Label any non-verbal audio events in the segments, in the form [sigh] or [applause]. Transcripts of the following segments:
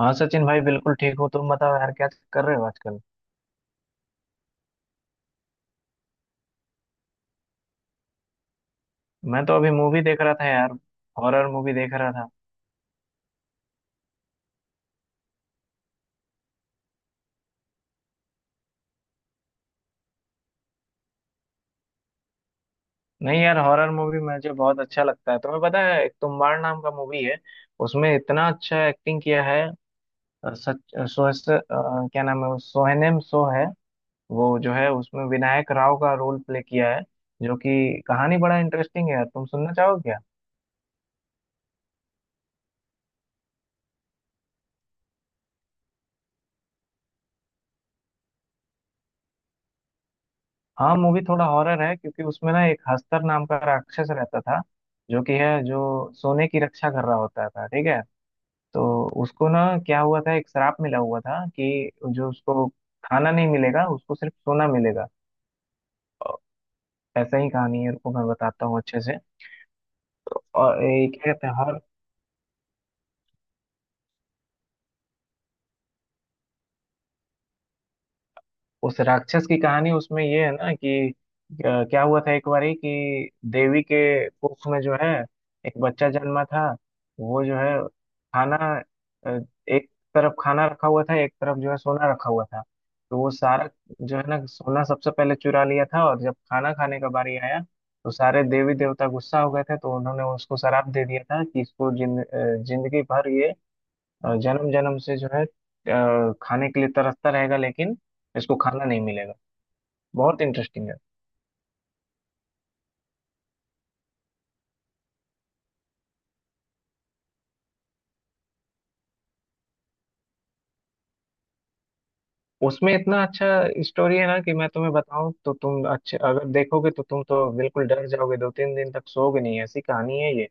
हाँ सचिन भाई, बिल्कुल ठीक हो। तुम बताओ यार, क्या कर रहे हो आजकल। मैं तो अभी मूवी देख रहा था यार, हॉरर मूवी देख रहा था। नहीं यार, हॉरर मूवी मुझे बहुत अच्छा लगता है। तुम्हें पता है, एक तुम्बाड़ नाम का मूवी है, उसमें इतना अच्छा एक्टिंग किया है। अ, सच अ, सो, स- अ, क्या नाम है सोहनेम सो है। वो जो है, उसमें विनायक राव का रोल प्ले किया है, जो कि कहानी बड़ा इंटरेस्टिंग है यार। तुम सुनना चाहोगे। हाँ, मूवी थोड़ा हॉरर है, क्योंकि उसमें ना एक हस्तर नाम का राक्षस रहता था, जो कि है, जो सोने की रक्षा कर रहा होता था। ठीक है, तो उसको ना क्या हुआ था, एक श्राप मिला हुआ था कि जो उसको खाना नहीं मिलेगा, उसको सिर्फ सोना मिलेगा। और ऐसा ही कहानी है। रुको, मैं बताता हूँ अच्छे से। और ये क्या कहते हैं, उस राक्षस की कहानी उसमें ये है ना कि क्या हुआ था, एक बारी कि देवी के कुख में जो है, एक बच्चा जन्मा था। वो जो है, खाना अ, एक तरफ खाना रखा हुआ था, एक तरफ जो है सोना रखा हुआ था। तो वो सारा जो है ना, सोना सबसे पहले चुरा लिया था, और जब खाना खाने का बारी आया, तो सारे देवी देवता गुस्सा हो गए थे, तो उन्होंने उसको श्राप दे दिया था कि इसको जिंदगी भर ये जन्म जन्म से जो है खाने के लिए तरसता रहेगा, लेकिन इसको खाना नहीं मिलेगा। बहुत इंटरेस्टिंग है। उसमें इतना अच्छा स्टोरी है ना, कि मैं तुम्हें बताऊं तो तुम अच्छे अगर देखोगे तो तुम तो बिल्कुल डर जाओगे, दो तीन दिन तक सोओगे नहीं, ऐसी कहानी है ये।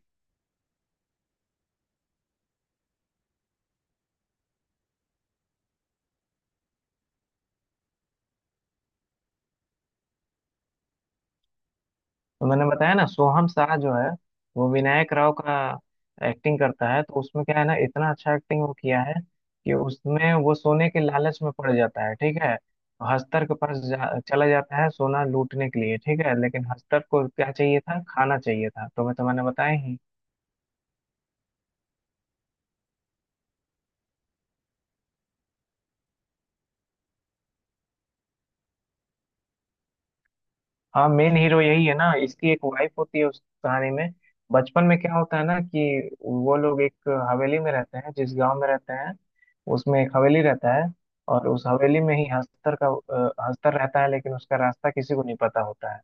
तो मैंने बताया ना, सोहम शाह जो है वो विनायक राव का एक्टिंग करता है। तो उसमें क्या है ना, इतना अच्छा एक्टिंग वो किया है, कि उसमें वो सोने के लालच में पड़ जाता है। ठीक है, हस्तर के पास चला जाता है सोना लूटने के लिए। ठीक है, लेकिन हस्तर को क्या चाहिए था, खाना चाहिए था। तो मैं तो मैंने बताया ही। हाँ, मेन हीरो यही है ना। इसकी एक वाइफ होती है उस कहानी में। बचपन में क्या होता है ना कि वो लोग एक हवेली में रहते हैं, जिस गांव में रहते हैं उसमें एक हवेली रहता है, और उस हवेली में ही हस्तर का हस्तर रहता है, लेकिन उसका रास्ता किसी को नहीं पता होता है।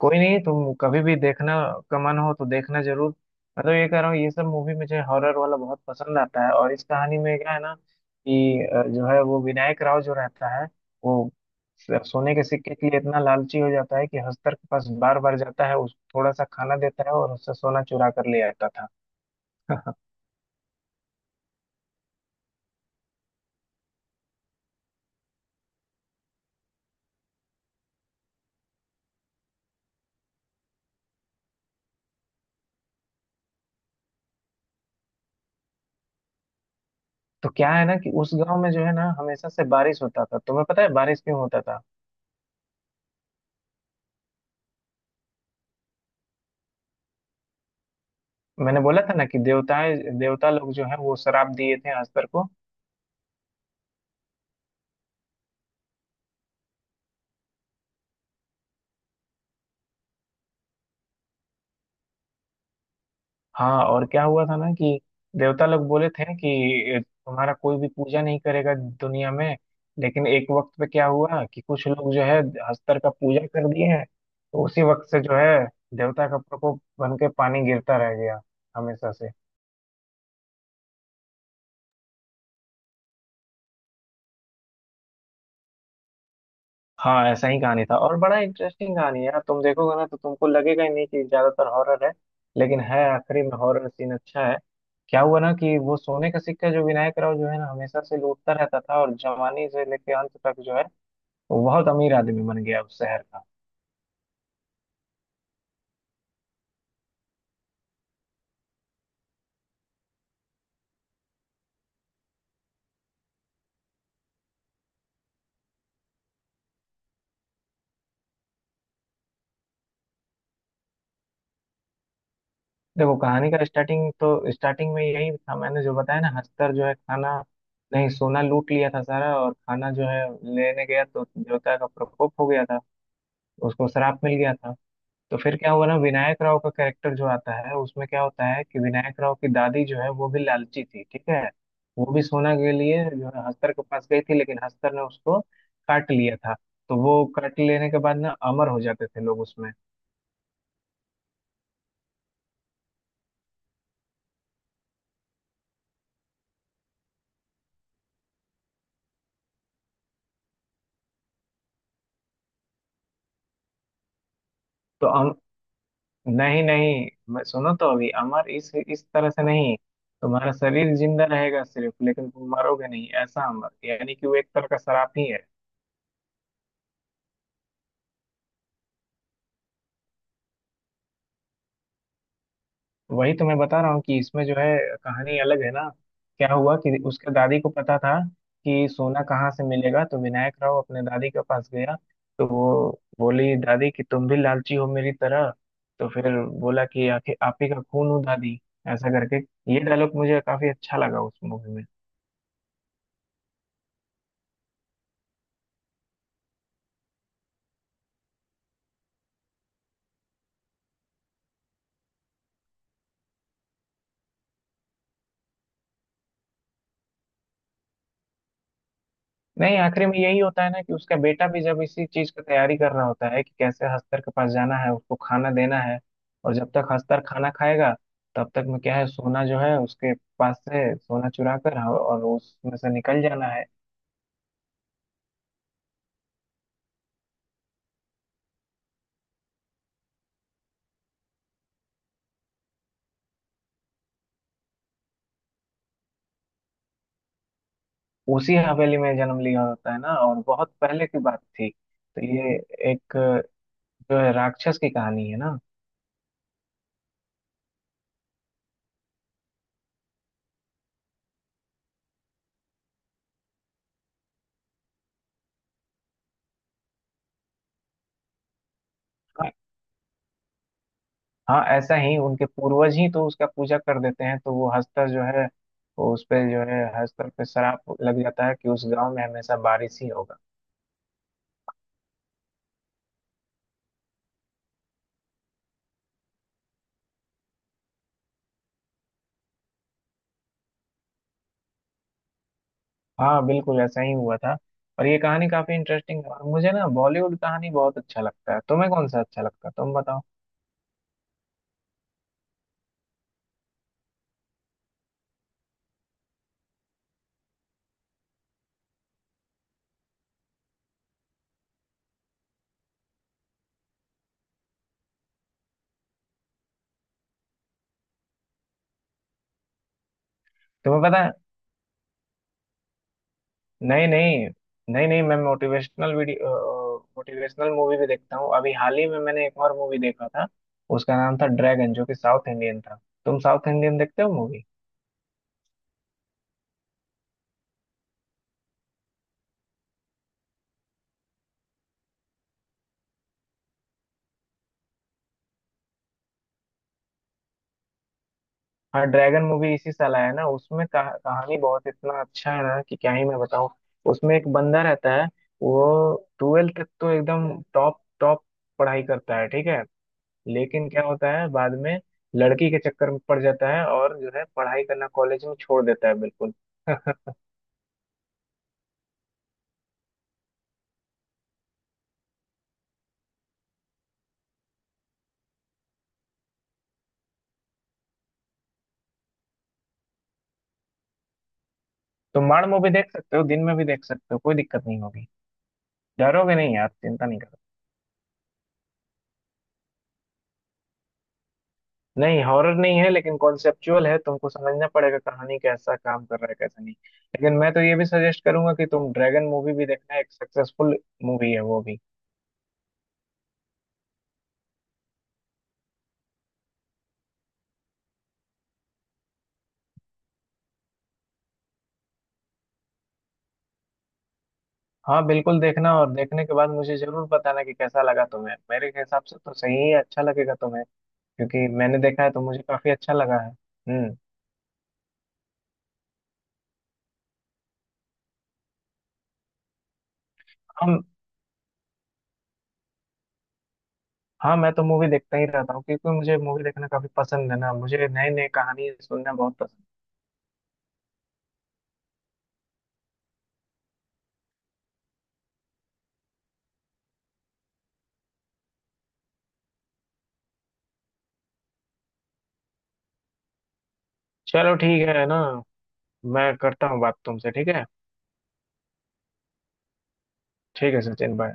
कोई नहीं, तुम कभी भी देखना का मन हो तो देखना जरूर। मैं तो ये कह रहा हूँ, ये सब मूवी मुझे हॉरर वाला बहुत पसंद आता है। और इस कहानी में क्या है ना कि जो है वो विनायक राव जो रहता है, वो सोने के सिक्के के लिए इतना लालची हो जाता है कि हस्तर के पास बार बार जाता है, उस थोड़ा सा खाना देता है और उससे सोना चुरा कर ले आता था। [laughs] तो क्या है ना कि उस गांव में जो है ना, हमेशा से बारिश होता था। तुम्हें पता है बारिश क्यों होता था। मैंने बोला था ना कि देवताएं देवता लोग जो है, वो श्राप दिए थे हस्तर को। हाँ, और क्या हुआ था ना कि देवता लोग बोले थे कि तुम्हारा कोई भी पूजा नहीं करेगा दुनिया में। लेकिन एक वक्त पे क्या हुआ, कि कुछ लोग जो है हस्तर का पूजा कर दिए हैं, तो उसी वक्त से जो है देवता का प्रकोप बन के पानी गिरता रह गया हमेशा से। हाँ, ऐसा ही कहानी था। और बड़ा इंटरेस्टिंग कहानी है यार, तुम देखोगे ना तो तुमको लगेगा ही नहीं कि ज्यादातर हॉरर है, लेकिन है, आखिरी में हॉरर सीन अच्छा है। क्या हुआ ना कि वो सोने का सिक्का जो विनायक राव जो है ना, हमेशा से लूटता रहता था, और जवानी से लेके अंत तक जो है, वो बहुत अमीर आदमी बन गया उस शहर का। देखो, कहानी का स्टार्टिंग तो स्टार्टिंग में यही था, मैंने जो बताया ना, हस्तर जो है खाना नहीं सोना लूट लिया था सारा, और खाना जो है लेने गया तो देवता का प्रकोप हो गया था, उसको श्राप मिल गया था। तो फिर क्या हुआ ना, विनायक राव का कैरेक्टर जो आता है, उसमें क्या होता है कि विनायक राव की दादी जो है, वो भी लालची थी। ठीक है, वो भी सोना के लिए जो है हस्तर के पास गई थी, लेकिन हस्तर ने उसको काट लिया था। तो वो काट लेने के बाद ना अमर हो जाते थे लोग उसमें। तो नहीं नहीं, मैं सुनो तो, अभी अमर इस तरह से नहीं, तुम्हारा शरीर जिंदा रहेगा सिर्फ, लेकिन तुम मरोगे नहीं, ऐसा अमर, यानी कि वो एक तरह का श्राप ही है। वही तो मैं बता रहा हूँ कि इसमें जो है कहानी अलग है ना। क्या हुआ कि उसके दादी को पता था कि सोना कहाँ से मिलेगा, तो विनायक राव अपने दादी के पास गया, तो वो बोली दादी कि तुम भी लालची हो मेरी तरह। तो फिर बोला कि आखिर आप ही का खून हूँ दादी, ऐसा करके। ये डायलॉग मुझे काफी अच्छा लगा उस मूवी में। नहीं, आखिरी में यही होता है ना कि उसका बेटा भी जब इसी चीज का तैयारी कर रहा होता है, कि कैसे हस्तर के पास जाना है, उसको खाना देना है, और जब तक हस्तर खाना खाएगा तब तक में क्या है, सोना जो है उसके पास से सोना चुरा कर, हाँ, और उसमें से निकल जाना है। उसी हवेली में जन्म लिया होता है ना, और बहुत पहले की बात थी, तो ये एक जो है राक्षस की कहानी है ना। हाँ, ऐसा ही, उनके पूर्वज ही तो उसका पूजा कर देते हैं, तो वो हस्तर जो है, वो उस पे जो है हस्तर पे श्राप लग जाता है कि उस गांव में हमेशा बारिश ही होगा। हाँ, बिल्कुल ऐसा ही हुआ था। और ये कहानी काफी इंटरेस्टिंग है, और मुझे ना बॉलीवुड कहानी बहुत अच्छा लगता है। तुम्हें कौन सा अच्छा लगता है, तुम बताओ। तुम्हें पता है, नहीं नहीं, नहीं नहीं, मैं मोटिवेशनल वीडियो, मोटिवेशनल मूवी भी देखता हूँ। अभी हाल ही में मैंने एक और मूवी देखा था, उसका नाम था ड्रैगन, जो कि साउथ इंडियन था। तुम साउथ इंडियन देखते हो मूवी। हाँ, ड्रैगन मूवी इसी साल आया ना, उसमें कहानी बहुत इतना अच्छा है ना, कि क्या ही मैं बताऊं। उसमें एक बंदा रहता है, वो ट्वेल्थ तक तो एकदम टॉप टॉप पढ़ाई करता है। ठीक है, लेकिन क्या होता है बाद में, लड़की के चक्कर में पड़ जाता है और जो है पढ़ाई करना कॉलेज में छोड़ देता है बिल्कुल। [laughs] तो माड़ मूवी देख सकते हो, दिन में भी देख सकते हो, कोई दिक्कत नहीं होगी। डरोगे नहीं आप, चिंता नहीं। नहीं, हॉरर नहीं है, लेकिन कॉन्सेप्चुअल है, तुमको समझना पड़ेगा कहानी कैसा काम कर रहा है कैसा नहीं। लेकिन मैं तो ये भी सजेस्ट करूंगा कि तुम ड्रैगन मूवी भी देखना, एक सक्सेसफुल मूवी है वो भी। हाँ, बिल्कुल देखना, और देखने के बाद मुझे जरूर बताना कि कैसा लगा तुम्हें। मेरे हिसाब से तो सही ही अच्छा लगेगा तुम्हें, क्योंकि मैंने देखा है तो मुझे काफी अच्छा लगा है। हम्म। हम। हाँ, मैं तो मूवी देखता ही रहता हूँ, क्योंकि मुझे मूवी देखना काफी पसंद है ना, मुझे नई नई कहानी सुनना बहुत पसंद है। चलो ठीक है ना, मैं करता हूँ बात तुमसे, ठीक है। ठीक है सचिन, बाय।